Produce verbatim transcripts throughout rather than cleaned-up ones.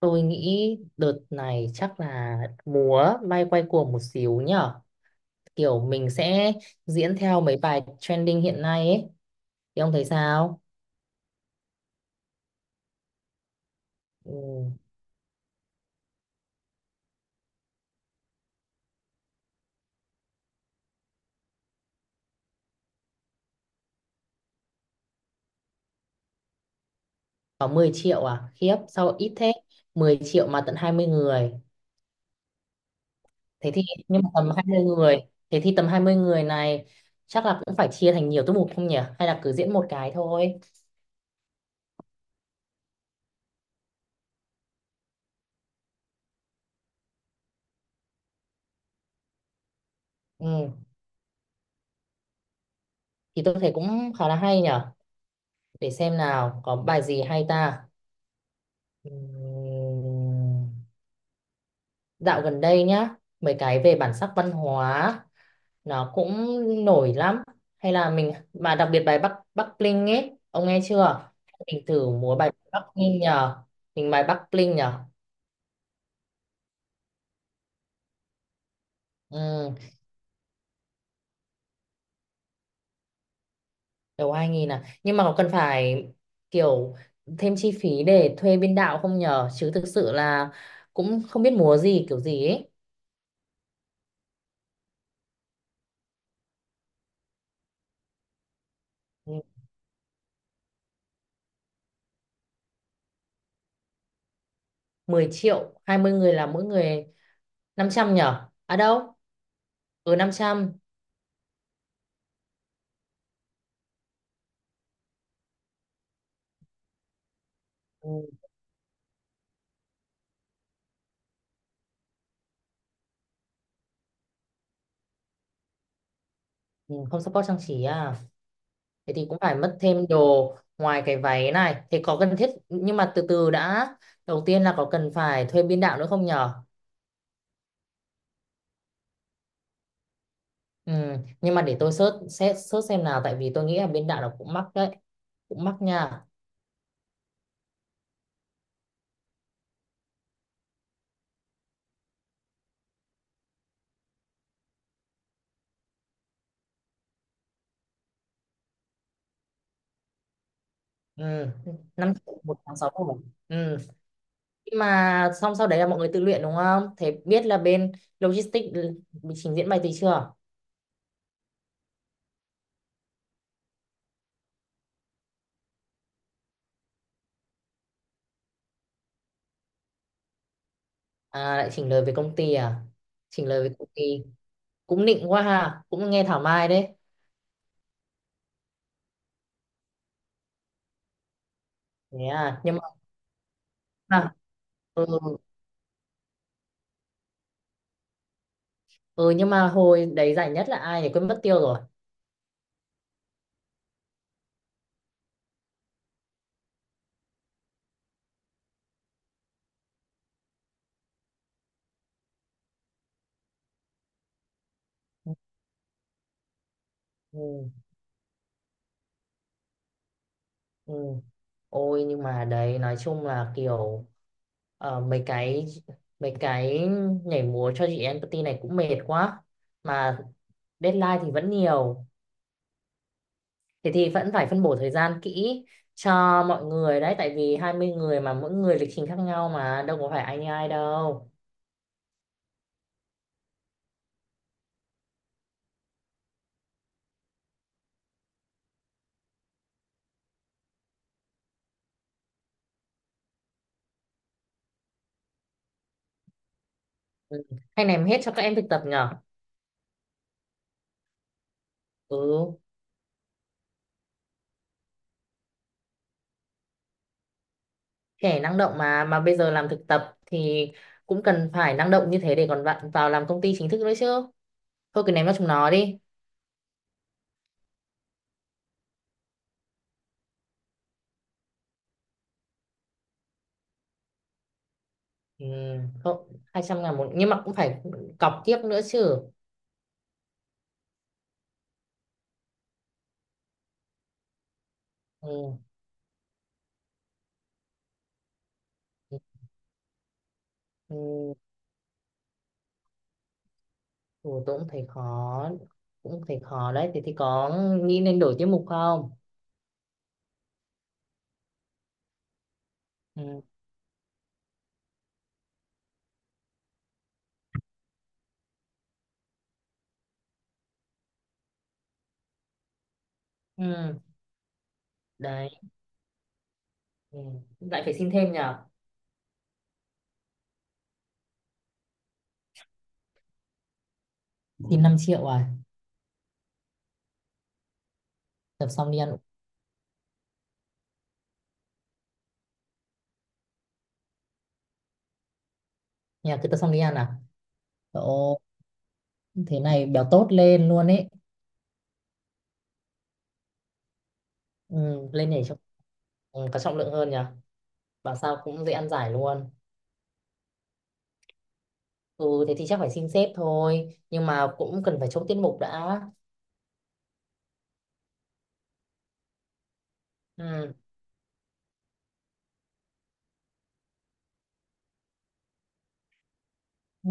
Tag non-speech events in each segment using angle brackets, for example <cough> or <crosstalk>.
Tôi nghĩ đợt này chắc là múa may quay cuồng một xíu nhở. Kiểu mình sẽ diễn theo mấy bài trending hiện nay ấy. Thì ông thấy sao? Ừ, có mười triệu à? Khiếp, sao ít thế? Mười triệu mà tận hai mươi người. Thế thì nhưng mà tầm hai mươi người. Thế thì tầm hai mươi người này chắc là cũng phải chia thành nhiều tiết mục không nhỉ? Hay là cứ diễn một cái thôi? Ừ, thì tôi thấy cũng khá là hay nhở. Để xem nào, có bài gì hay ta? Ừ, Dạo gần đây nhá, mấy cái về bản sắc văn hóa nó cũng nổi lắm. Hay là mình mà đặc biệt bài Bắc Bắc Bling ấy, ông nghe chưa? Mình thử múa bài Bắc Bling nhờ. Mình bài Bắc Bling nhờ. Ừ, đầu hai nghìn à. Nhưng mà có cần phải kiểu thêm chi phí để thuê biên đạo không nhờ? Chứ thực sự là cũng không biết múa gì kiểu gì ấy. Ừ, mười triệu, hai mươi người là mỗi người năm trăm nhờ. À đâu? Ừ năm trăm. Ừ, ừ, Không support trang trí à. Thế thì cũng phải mất thêm đồ ngoài cái váy này. Thế có cần thiết nhưng mà từ từ đã. Đầu tiên là có cần phải thuê biên đạo nữa không nhở? Ừ, nhưng mà để tôi search, search, search xem nào tại vì tôi nghĩ là biên đạo nó cũng mắc đấy. Cũng mắc nha. Ừ, năm triệu một tháng sáu triệu. Ừ, nhưng mà xong sau đấy là mọi người tự luyện đúng không? Thế biết là bên logistics bị trình diễn bài tí chưa? À lại chỉnh lời về công ty à? Chỉnh lời về công ty. Cũng nịnh quá ha, cũng nghe thảo mai đấy. Thế à, nhưng mà à, ừ. ừ nhưng mà hồi đấy giải nhất là ai nhỉ, quên mất tiêu rồi. Ừ, ừ. ôi nhưng mà đấy nói chung là kiểu ờ, mấy cái mấy cái nhảy múa cho chị empathy này cũng mệt quá, mà deadline thì vẫn nhiều, thế thì vẫn phải phân bổ thời gian kỹ cho mọi người đấy, tại vì hai mươi người mà mỗi người lịch trình khác nhau, mà đâu có phải ai như ai đâu. Ừ. Hay ném hết cho các em thực tập nhở. Ừ, trẻ năng động mà mà bây giờ làm thực tập thì cũng cần phải năng động như thế để còn bạn vào làm công ty chính thức nữa chứ, thôi cứ ném vào chúng nó đi. ừ, Thôi hai trăm ngàn một nhưng mà cũng phải cọc tiếp nữa chứ. Ừ. Ừ. Ừ, tôi cũng thấy khó, cũng thấy khó đấy. Thì, thì có nghĩ nên đổi tiết mục không? Ừ. Ừ. Đấy. Ừ. Lại phải xin thêm nhờ. Xin năm triệu à? Tập xong đi ăn. Nhà cứ tập xong đi ăn à? Ồ, thế này béo tốt lên luôn ấy. ừ, Lên nhảy cho. Ừ, có trọng lượng hơn nhỉ, bảo sao cũng dễ ăn giải luôn. Ừ thế thì chắc phải xin sếp thôi, nhưng mà cũng cần phải chốt tiết mục đã. Ừ. Ừ.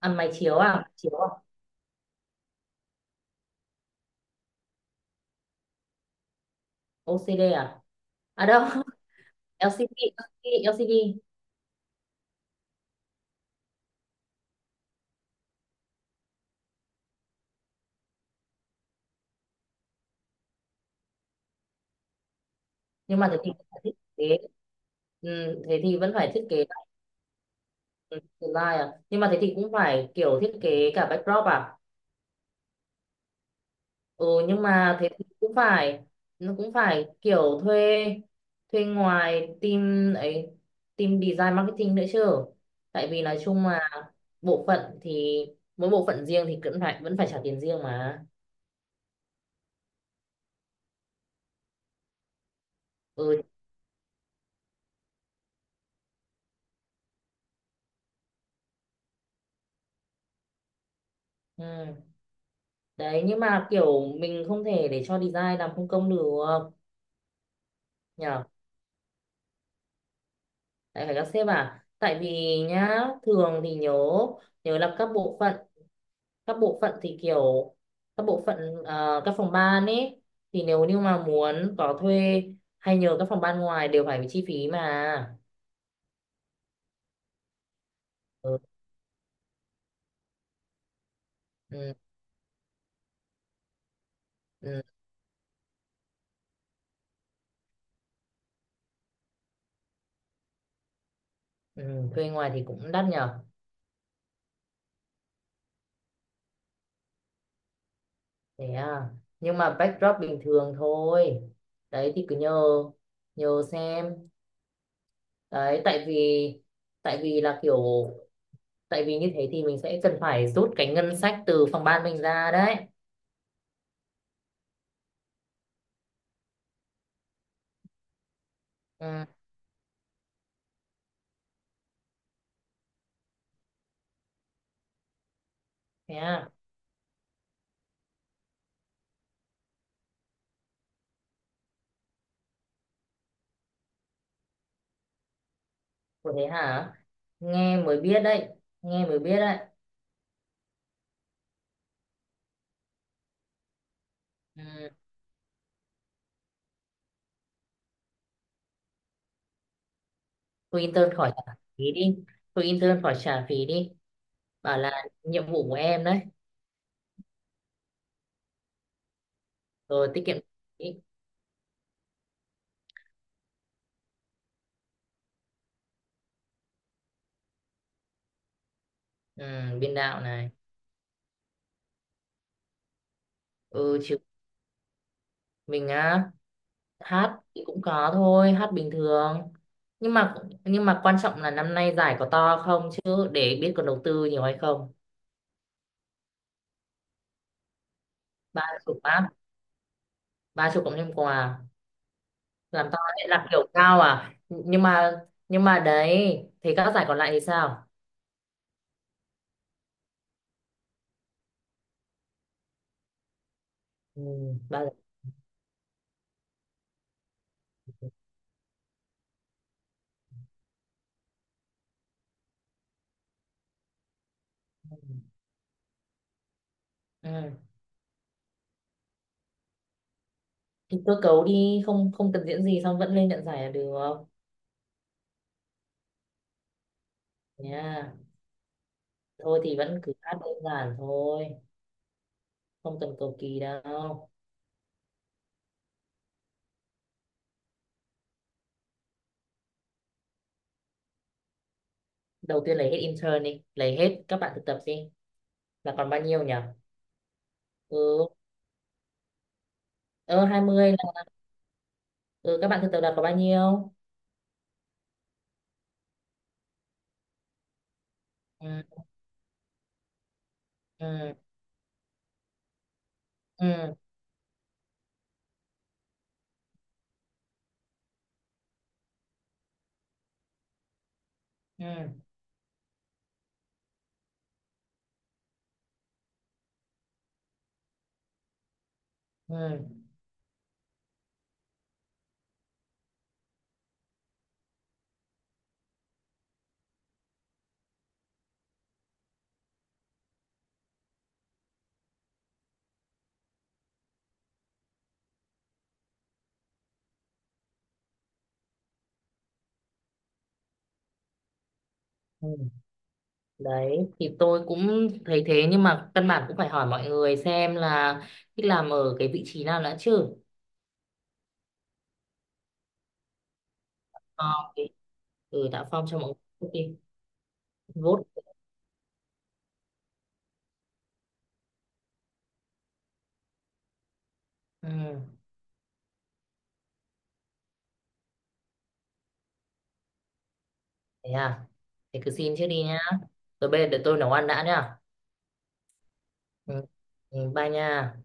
Ăn máy chiếu à, chiếu à? OCD à? À đâu. <laughs> LCD. LCD LCD. Nhưng mà thế thì phải thiết kế. ừ, Thế thì vẫn phải thiết kế lại, ừ, slide à? Nhưng mà thế thì cũng phải kiểu thiết kế cả backdrop à? Ừ nhưng mà thế thì cũng phải nó cũng phải kiểu thuê, thuê ngoài team ấy, team design marketing nữa chứ. Tại vì nói chung là bộ phận thì mỗi bộ phận riêng thì cũng phải vẫn phải trả tiền riêng mà. Ừ, ừ. Đấy nhưng mà kiểu mình không thể để cho design làm không công được nhỉ. Lại phải các sếp à, tại vì nhá thường thì nhớ, nhớ là các bộ phận, các bộ phận thì kiểu các bộ phận ờ, các phòng ban ấy, thì nếu như mà muốn có thuê hay nhờ các phòng ban ngoài đều phải bị chi phí mà. Ừ, ừ, ừ, ừ, thuê ngoài thì cũng đắt nhở. Thế à, nhưng mà backdrop bình thường thôi. Đấy thì cứ nhờ, nhờ xem. Đấy tại vì, tại vì là kiểu tại vì như thế thì mình sẽ cần phải rút cái ngân sách từ phòng ban mình ra đấy. Ừ, thế à. Ủa thế hả, nghe mới biết đấy, nghe mới biết đấy. ừ, Thôi intern khỏi trả phí đi. Thôi intern khỏi trả phí đi. Bảo là nhiệm vụ của em đấy. Rồi tiết kiệm phí. Ừ, biên đạo này. Ừ chứ, mình á. Hát thì cũng có thôi, hát bình thường, nhưng mà nhưng mà quan trọng là năm nay giải có to không chứ, để biết còn đầu tư nhiều hay không. Ba chục bát. Ba chục cộng thêm quà. Làm to ấy, làm kiểu cao à, nhưng mà nhưng mà đấy thì các giải còn lại thì sao? Ừ, ba giải. Ừ. Thì cơ cấu đi, không không cần diễn gì xong vẫn lên nhận giải là được. Nha. Thôi thì vẫn cứ hát đơn giản thôi, không cần cầu kỳ đâu. Đầu tiên lấy hết intern đi, lấy hết các bạn thực tập đi, là còn bao nhiêu nhỉ? Ừ. Ơ hai mươi. Ừ, các bạn thực tập là có bao nhiêu? Ừ, ừ, ừ, ừ, ừ, ừ. Đấy thì tôi cũng thấy thế nhưng mà căn bản cũng phải hỏi mọi người xem là thích làm ở cái vị trí nào đã chứ. Ờ, thì- Ừ, đã phong cho mọi người vote đi. Vote. Ừ, thế à. Thế cứ xin trước đi nhá. Rồi bây giờ để tôi nấu ăn đã nhá. Ừ, ừ, bye nha.